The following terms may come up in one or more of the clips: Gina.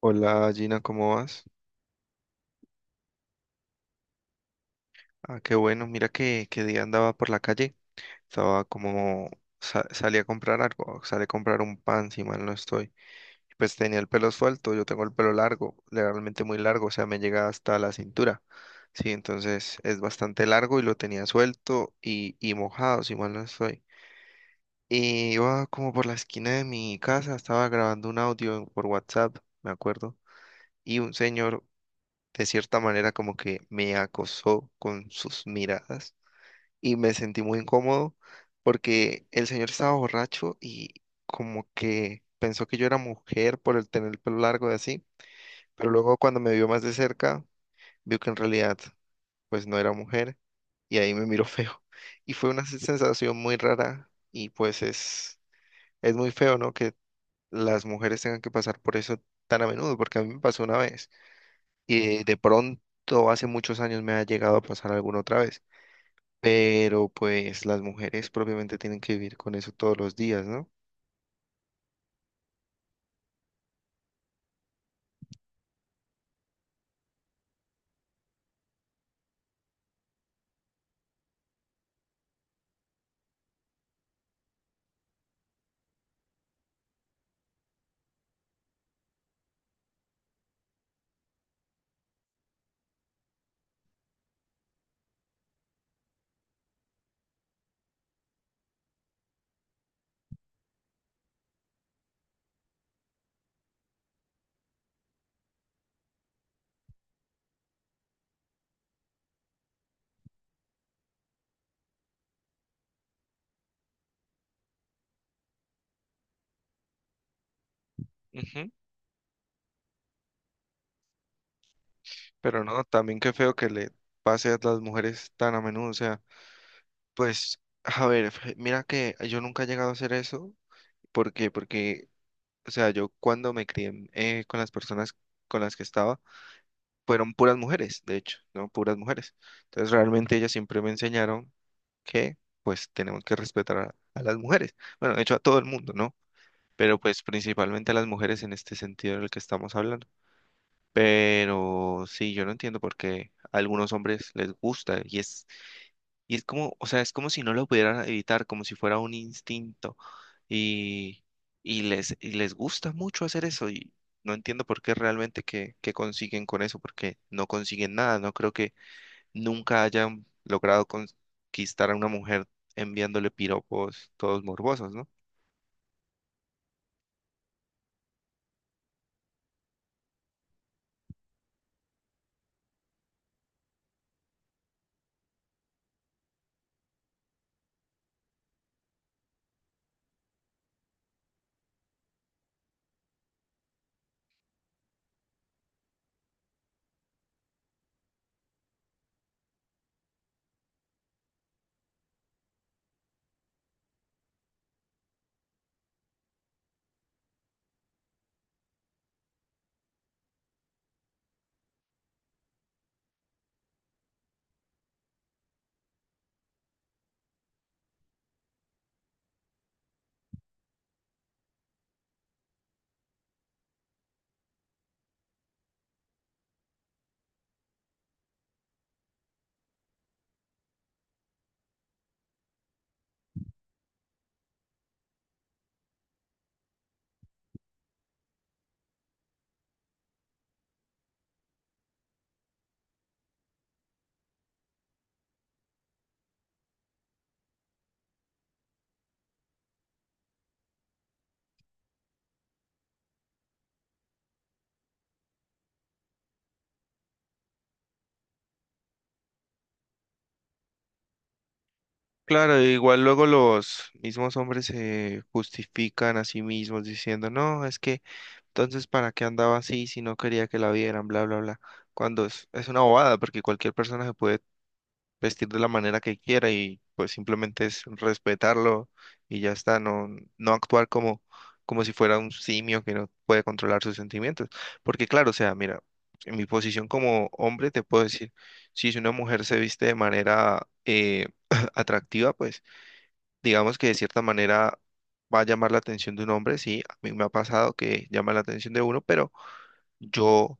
Hola Gina, ¿cómo vas? Ah, qué bueno, mira que día andaba por la calle, estaba como, salí a comprar algo, salí a comprar un pan, si mal no estoy. Y pues tenía el pelo suelto, yo tengo el pelo largo, realmente muy largo, o sea, me llega hasta la cintura. Sí, entonces es bastante largo y lo tenía suelto y mojado, si mal no estoy. Y iba como por la esquina de mi casa, estaba grabando un audio por WhatsApp, me acuerdo, y un señor de cierta manera como que me acosó con sus miradas y me sentí muy incómodo porque el señor estaba borracho y como que pensó que yo era mujer por el tener el pelo largo y así, pero luego cuando me vio más de cerca, vio que en realidad pues no era mujer y ahí me miró feo y fue una sensación muy rara y pues es muy feo, ¿no? Que las mujeres tengan que pasar por eso tan a menudo porque a mí me pasó una vez. Y de pronto hace muchos años me ha llegado a pasar alguna otra vez. Pero pues las mujeres propiamente tienen que vivir con eso todos los días, ¿no? Ujú. Pero no, también qué feo que le pase a las mujeres tan a menudo. O sea, pues, a ver, mira que yo nunca he llegado a hacer eso. ¿Por qué? Porque, o sea, yo cuando me crié con las personas con las que estaba, fueron puras mujeres, de hecho, ¿no? Puras mujeres. Entonces realmente ellas siempre me enseñaron que pues tenemos que respetar a las mujeres. Bueno, de hecho a todo el mundo, ¿no? Pero pues principalmente a las mujeres en este sentido del que estamos hablando. Pero sí, yo no entiendo por qué a algunos hombres les gusta y es como, o sea, es como si no lo pudieran evitar, como si fuera un instinto y, y les gusta mucho hacer eso y no entiendo por qué realmente que consiguen con eso, porque no consiguen nada, no creo que nunca hayan logrado conquistar a una mujer enviándole piropos todos morbosos, ¿no? Claro, igual luego los mismos hombres se justifican a sí mismos diciendo, no, es que entonces para qué andaba así si no quería que la vieran, bla, bla, bla. Cuando es una bobada, porque cualquier persona se puede vestir de la manera que quiera y pues simplemente es respetarlo y ya está, no, no actuar como, como si fuera un simio que no puede controlar sus sentimientos. Porque claro, o sea, mira, en mi posición como hombre te puedo decir, si una mujer se viste de manera atractiva, pues digamos que de cierta manera va a llamar la atención de un hombre, sí, a mí me ha pasado que llama la atención de uno, pero yo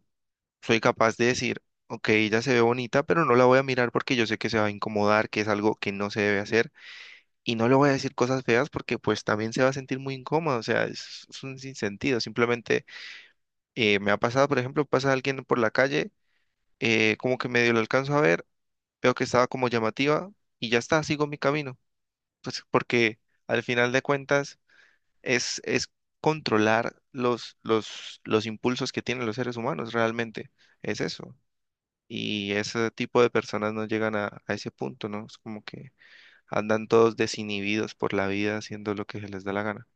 soy capaz de decir, ok, ella se ve bonita, pero no la voy a mirar porque yo sé que se va a incomodar, que es algo que no se debe hacer, y no le voy a decir cosas feas porque pues también se va a sentir muy incómodo, o sea, es un sinsentido, simplemente me ha pasado, por ejemplo, pasa alguien por la calle, como que medio lo alcanzo a ver, veo que estaba como llamativa y ya está, sigo mi camino, pues porque al final de cuentas es controlar los impulsos que tienen los seres humanos, realmente, es eso. Y ese tipo de personas no llegan a ese punto, ¿no? Es como que andan todos desinhibidos por la vida haciendo lo que se les da la gana.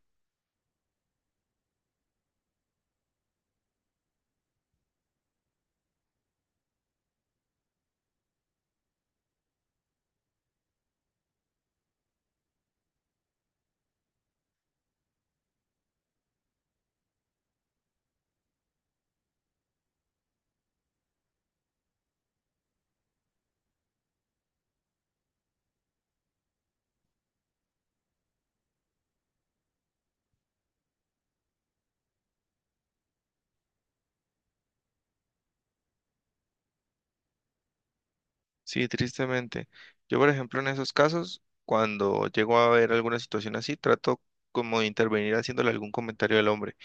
Sí, tristemente. Yo, por ejemplo, en esos casos, cuando llego a ver alguna situación así, trato como de intervenir haciéndole algún comentario al hombre.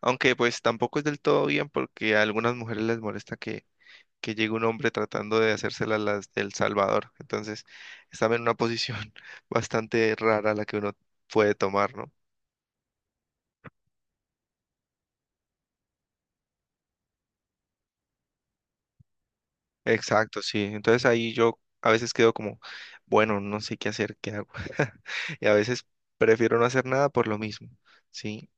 Aunque pues tampoco es del todo bien porque a algunas mujeres les molesta que llegue un hombre tratando de hacérsela las del Salvador. Entonces, están en una posición bastante rara la que uno puede tomar, ¿no? Exacto, sí. Entonces ahí yo a veces quedo como, bueno, no sé qué hacer, qué hago. Y a veces prefiero no hacer nada por lo mismo, ¿sí?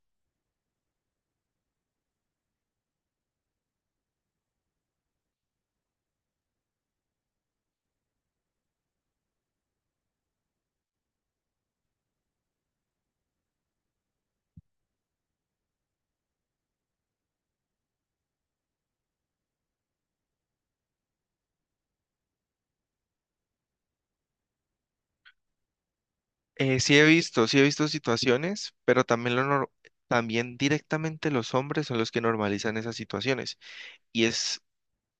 Sí he visto situaciones, pero también lo nor- también directamente los hombres son los que normalizan esas situaciones. Y es,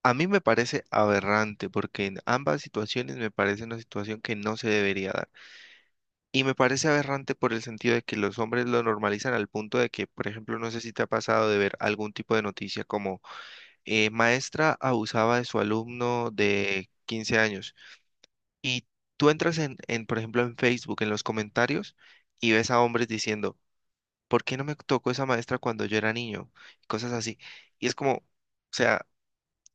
a mí me parece aberrante, porque en ambas situaciones me parece una situación que no se debería dar. Y me parece aberrante por el sentido de que los hombres lo normalizan al punto de que, por ejemplo, no sé si te ha pasado de ver algún tipo de noticia como maestra abusaba de su alumno de 15 años. Y tú entras por ejemplo, en Facebook, en los comentarios, y ves a hombres diciendo, ¿por qué no me tocó esa maestra cuando yo era niño? Y cosas así. Y es como, o sea,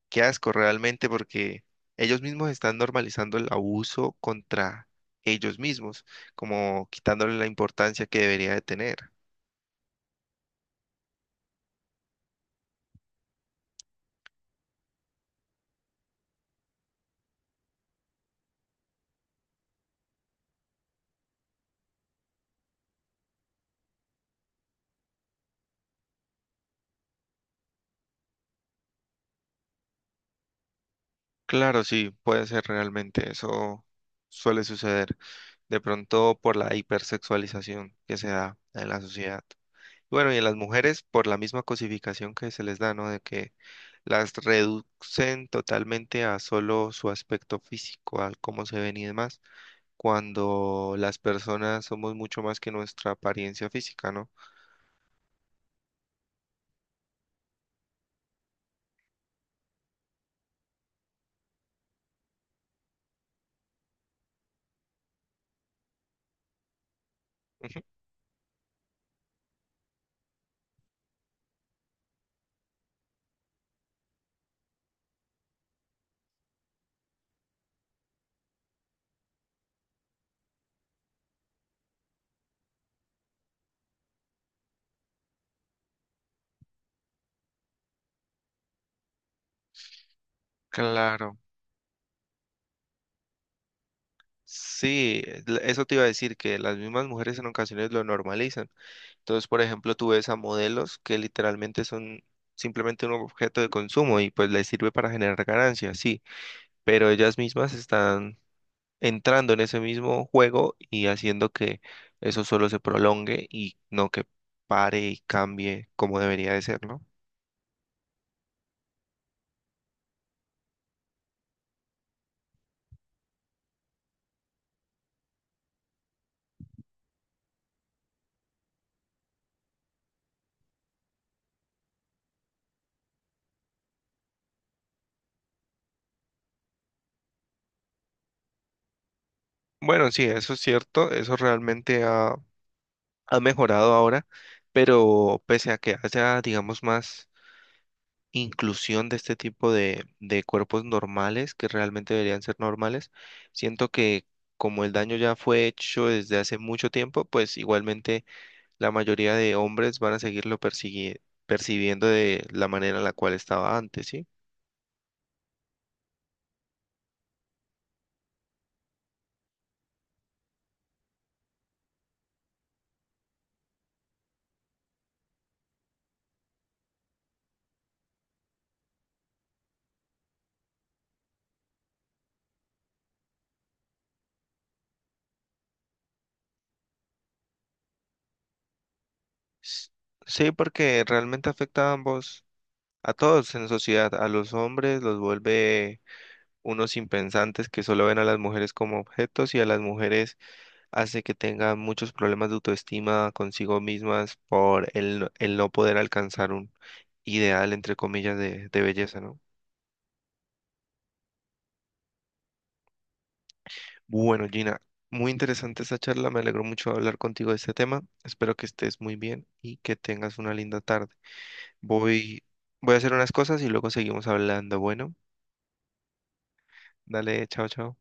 qué asco realmente porque ellos mismos están normalizando el abuso contra ellos mismos, como quitándole la importancia que debería de tener. Claro, sí, puede ser realmente, eso suele suceder de pronto por la hipersexualización que se da en la sociedad. Bueno, y en las mujeres por la misma cosificación que se les da, ¿no? De que las reducen totalmente a solo su aspecto físico, al cómo se ven y demás, cuando las personas somos mucho más que nuestra apariencia física, ¿no? Ujú. Claro, sí, eso te iba a decir, que las mismas mujeres en ocasiones lo normalizan. Entonces, por ejemplo, tú ves a modelos que literalmente son simplemente un objeto de consumo y pues les sirve para generar ganancias, sí, pero ellas mismas están entrando en ese mismo juego y haciendo que eso solo se prolongue y no que pare y cambie como debería de ser, ¿no? Bueno, sí, eso es cierto, eso realmente ha mejorado ahora, pero pese a que haya, digamos, más inclusión de este tipo de cuerpos normales que realmente deberían ser normales. Siento que como el daño ya fue hecho desde hace mucho tiempo, pues igualmente la mayoría de hombres van a seguirlo percibiendo de la manera en la cual estaba antes, ¿sí? S- Sí, porque realmente afecta a ambos, a todos en la sociedad, a los hombres los vuelve unos impensantes que solo ven a las mujeres como objetos y a las mujeres hace que tenga muchos problemas de autoestima consigo mismas por el, el no poder alcanzar un ideal, entre comillas, de belleza, ¿no? Bueno, Gina, muy interesante esta charla, me alegró mucho hablar contigo de este tema, espero que estés muy bien y que tengas una linda tarde. Voy, voy a hacer unas cosas y luego seguimos hablando. Bueno, dale, chao, chao.